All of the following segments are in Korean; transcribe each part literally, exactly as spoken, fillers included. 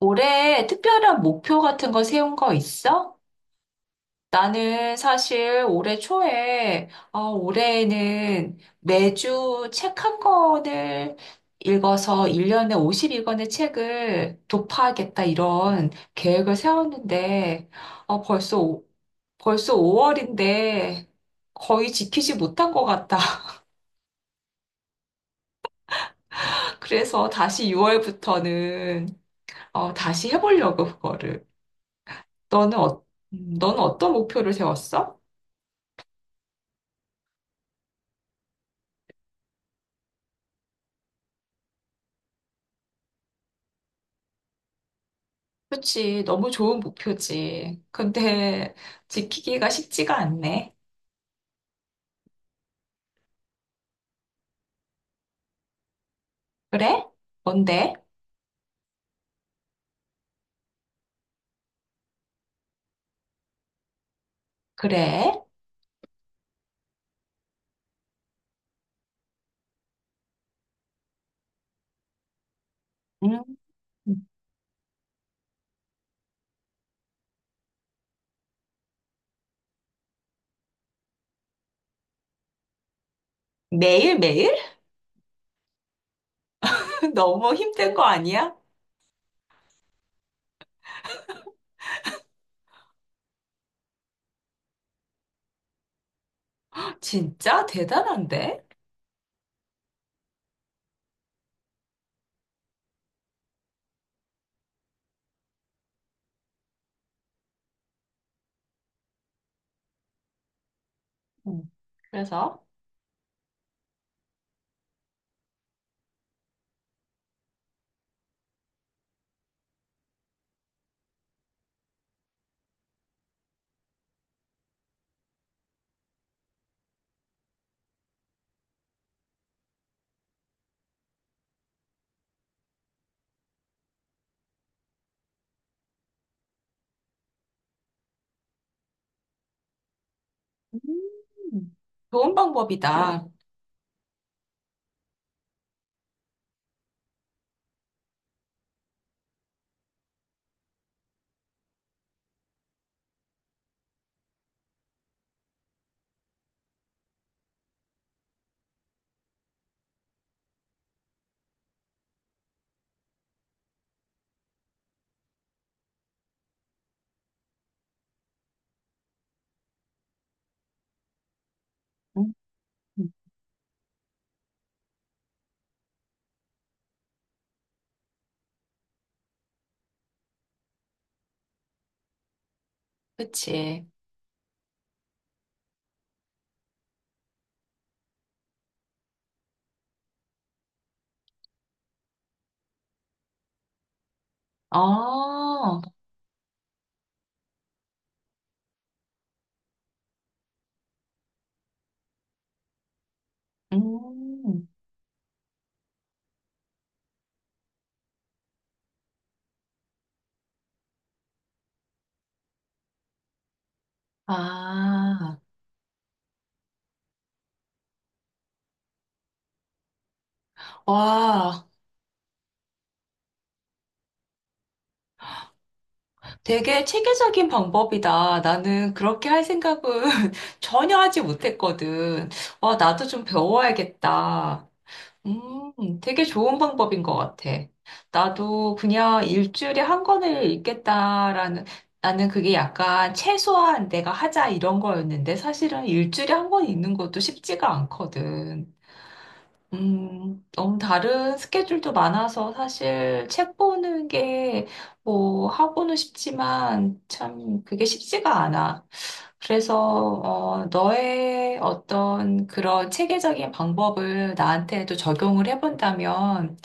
올해 특별한 목표 같은 거 세운 거 있어? 나는 사실 올해 초에, 어, 올해에는 매주 책 한 권을 읽어서 일 년에 오십 권의 책을 도파하겠다 이런 계획을 세웠는데, 어, 벌써, 오- 벌써 오월인데 거의 지키지 못한 것 같다. 그래서 다시 유월부터는, 다시 해보려고 그거를. 너는 어, 음, 너는 어떤 목표를 세웠어? 그치. 너무 좋은 목표지. 근데 지키기가 쉽지가 않네. 그래? 뭔데? 그래? 음. 매일매일? 너무 힘든 거 아니야? 진짜 대단한데? 음. 그래서 음, 좋은 방법이다. 음. 그치. 아, 음. 아, 와, 되게 체계적인 방법이다. 나는 그렇게 할 생각은 전혀 하지 못했거든. 와, 나도 좀 배워야겠다. 음, 되게 좋은 방법인 것 같아. 나도 그냥 일주일에 한 권을 읽겠다라는, 나는 그게 약간 최소한 내가 하자 이런 거였는데 사실은 일주일에 한 권 읽는 것도 쉽지가 않거든. 음, 너무 다른 스케줄도 많아서 사실 책 보는 게 뭐 하고는 싶지만 참 그게 쉽지가 않아. 그래서 어, 너의 어떤 그런 체계적인 방법을 나한테도 적용을 해본다면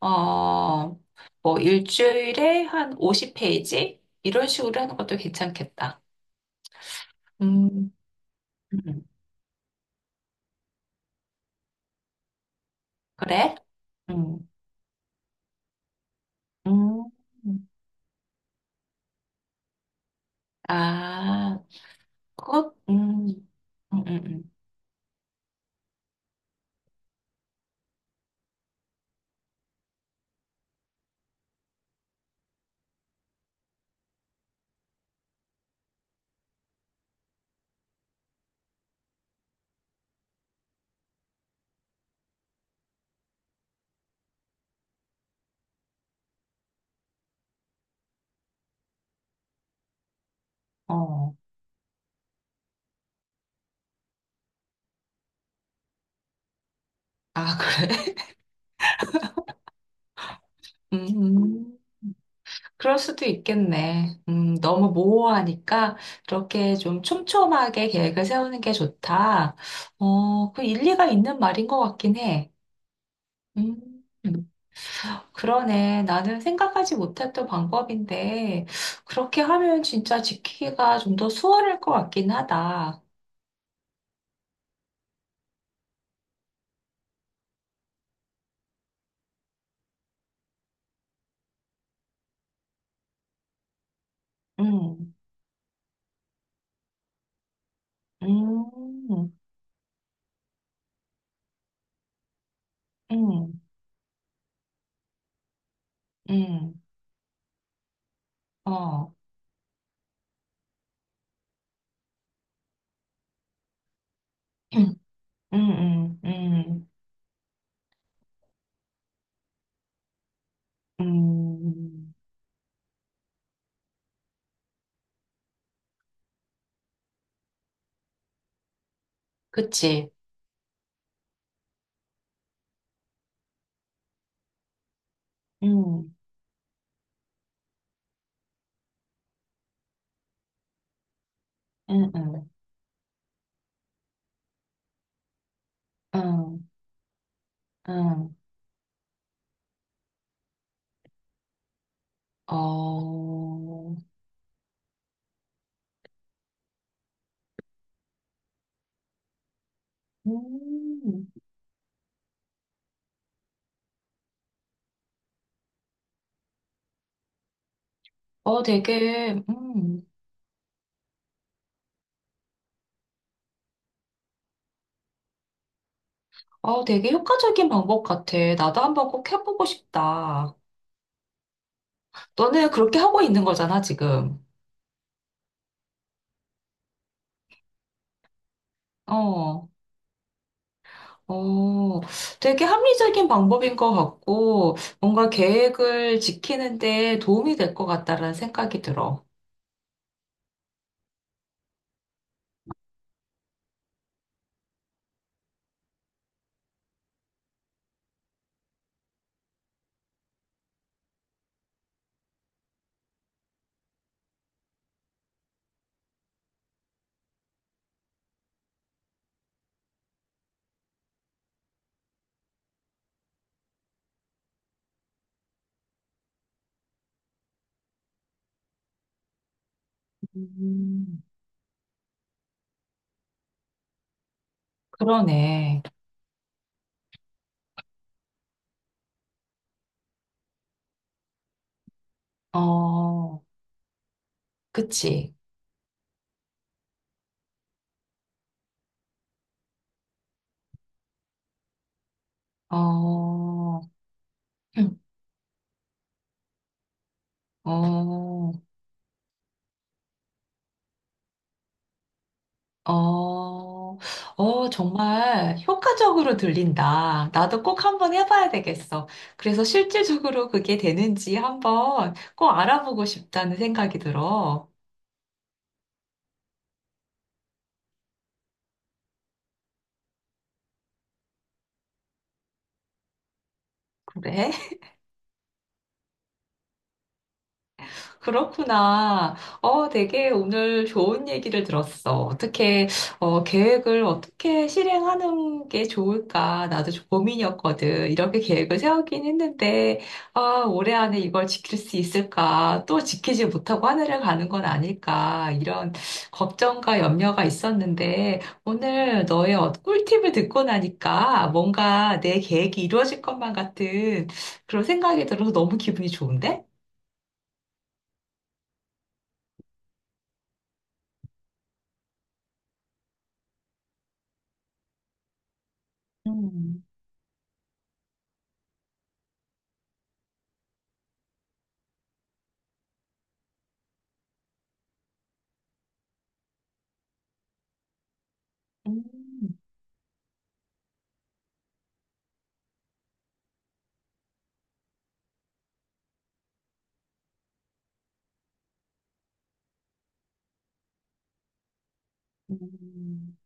어, 뭐 일주일에 한 오십 페이지 이런 식으로 하는 것도 괜찮겠다. 음, 음, 그래? 음, 음, 아. 그것, 음, 음, 음, 음. 어. 아, 그래? 음, 그럴 수도 있겠네. 음, 너무 모호하니까 그렇게 좀 촘촘하게 계획을 세우는 게 좋다. 어, 그 일리가 있는 말인 것 같긴 해. 음, 그러네. 나는 생각하지 못했던 방법인데, 그렇게 하면 진짜 지키기가 좀 더 수월할 것 같긴 하다. 음, 음, 음, 음, 어. 음, 음, 음. 음, 그치. 음, 음, 음, 음, 음. 어, 음, 어, 되게, 음, 어, 되게 효과적인 방법 같아. 나도 한번 꼭 해보고 싶다. 너는 그렇게 하고 있는 거잖아, 지금. 어, 어, 되게 합리적인 방법인 것 같고, 뭔가 계획을 지키는데 도움이 될 것 같다라는 생각이 들어. 음, 그러네. 어, 그치. 어, 어, 어, 어, 정말 효과적으로 들린다. 나도 꼭 한번 해봐야 되겠어. 그래서 실질적으로 그게 되는지 한번 꼭 알아보고 싶다는 생각이 들어. 그래? 그렇구나. 어, 되게 오늘 좋은 얘기를 들었어. 어떻게, 어, 계획을 어떻게 실행하는 게 좋을까? 나도 좀 고민이었거든. 이렇게 계획을 세우긴 했는데, 아, 올해 안에 이걸 지킬 수 있을까? 또 지키지 못하고 하늘을 가는 건 아닐까? 이런 걱정과 염려가 있었는데, 오늘 너의 어- 꿀팁을 듣고 나니까 뭔가 내 계획이 이루어질 것만 같은 그런 생각이 들어서 너무 기분이 좋은데? 음. 음, 음.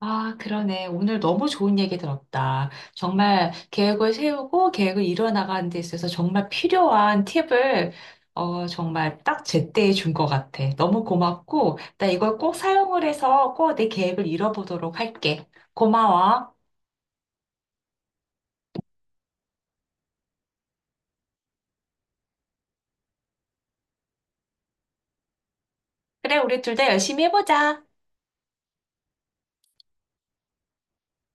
아, 그러네. 오늘 너무 좋은 얘기 들었다. 정말 계획을 세우고 계획을 이뤄나가는 데 있어서 정말 필요한 팁을 어, 정말 딱 제때 에 준 것 같아. 너무 고맙고, 나 이걸 꼭 사용을 해서 꼭 내 계획을 이뤄보도록 할게. 고마워. 그래, 우리 둘 다 열심히 해보자.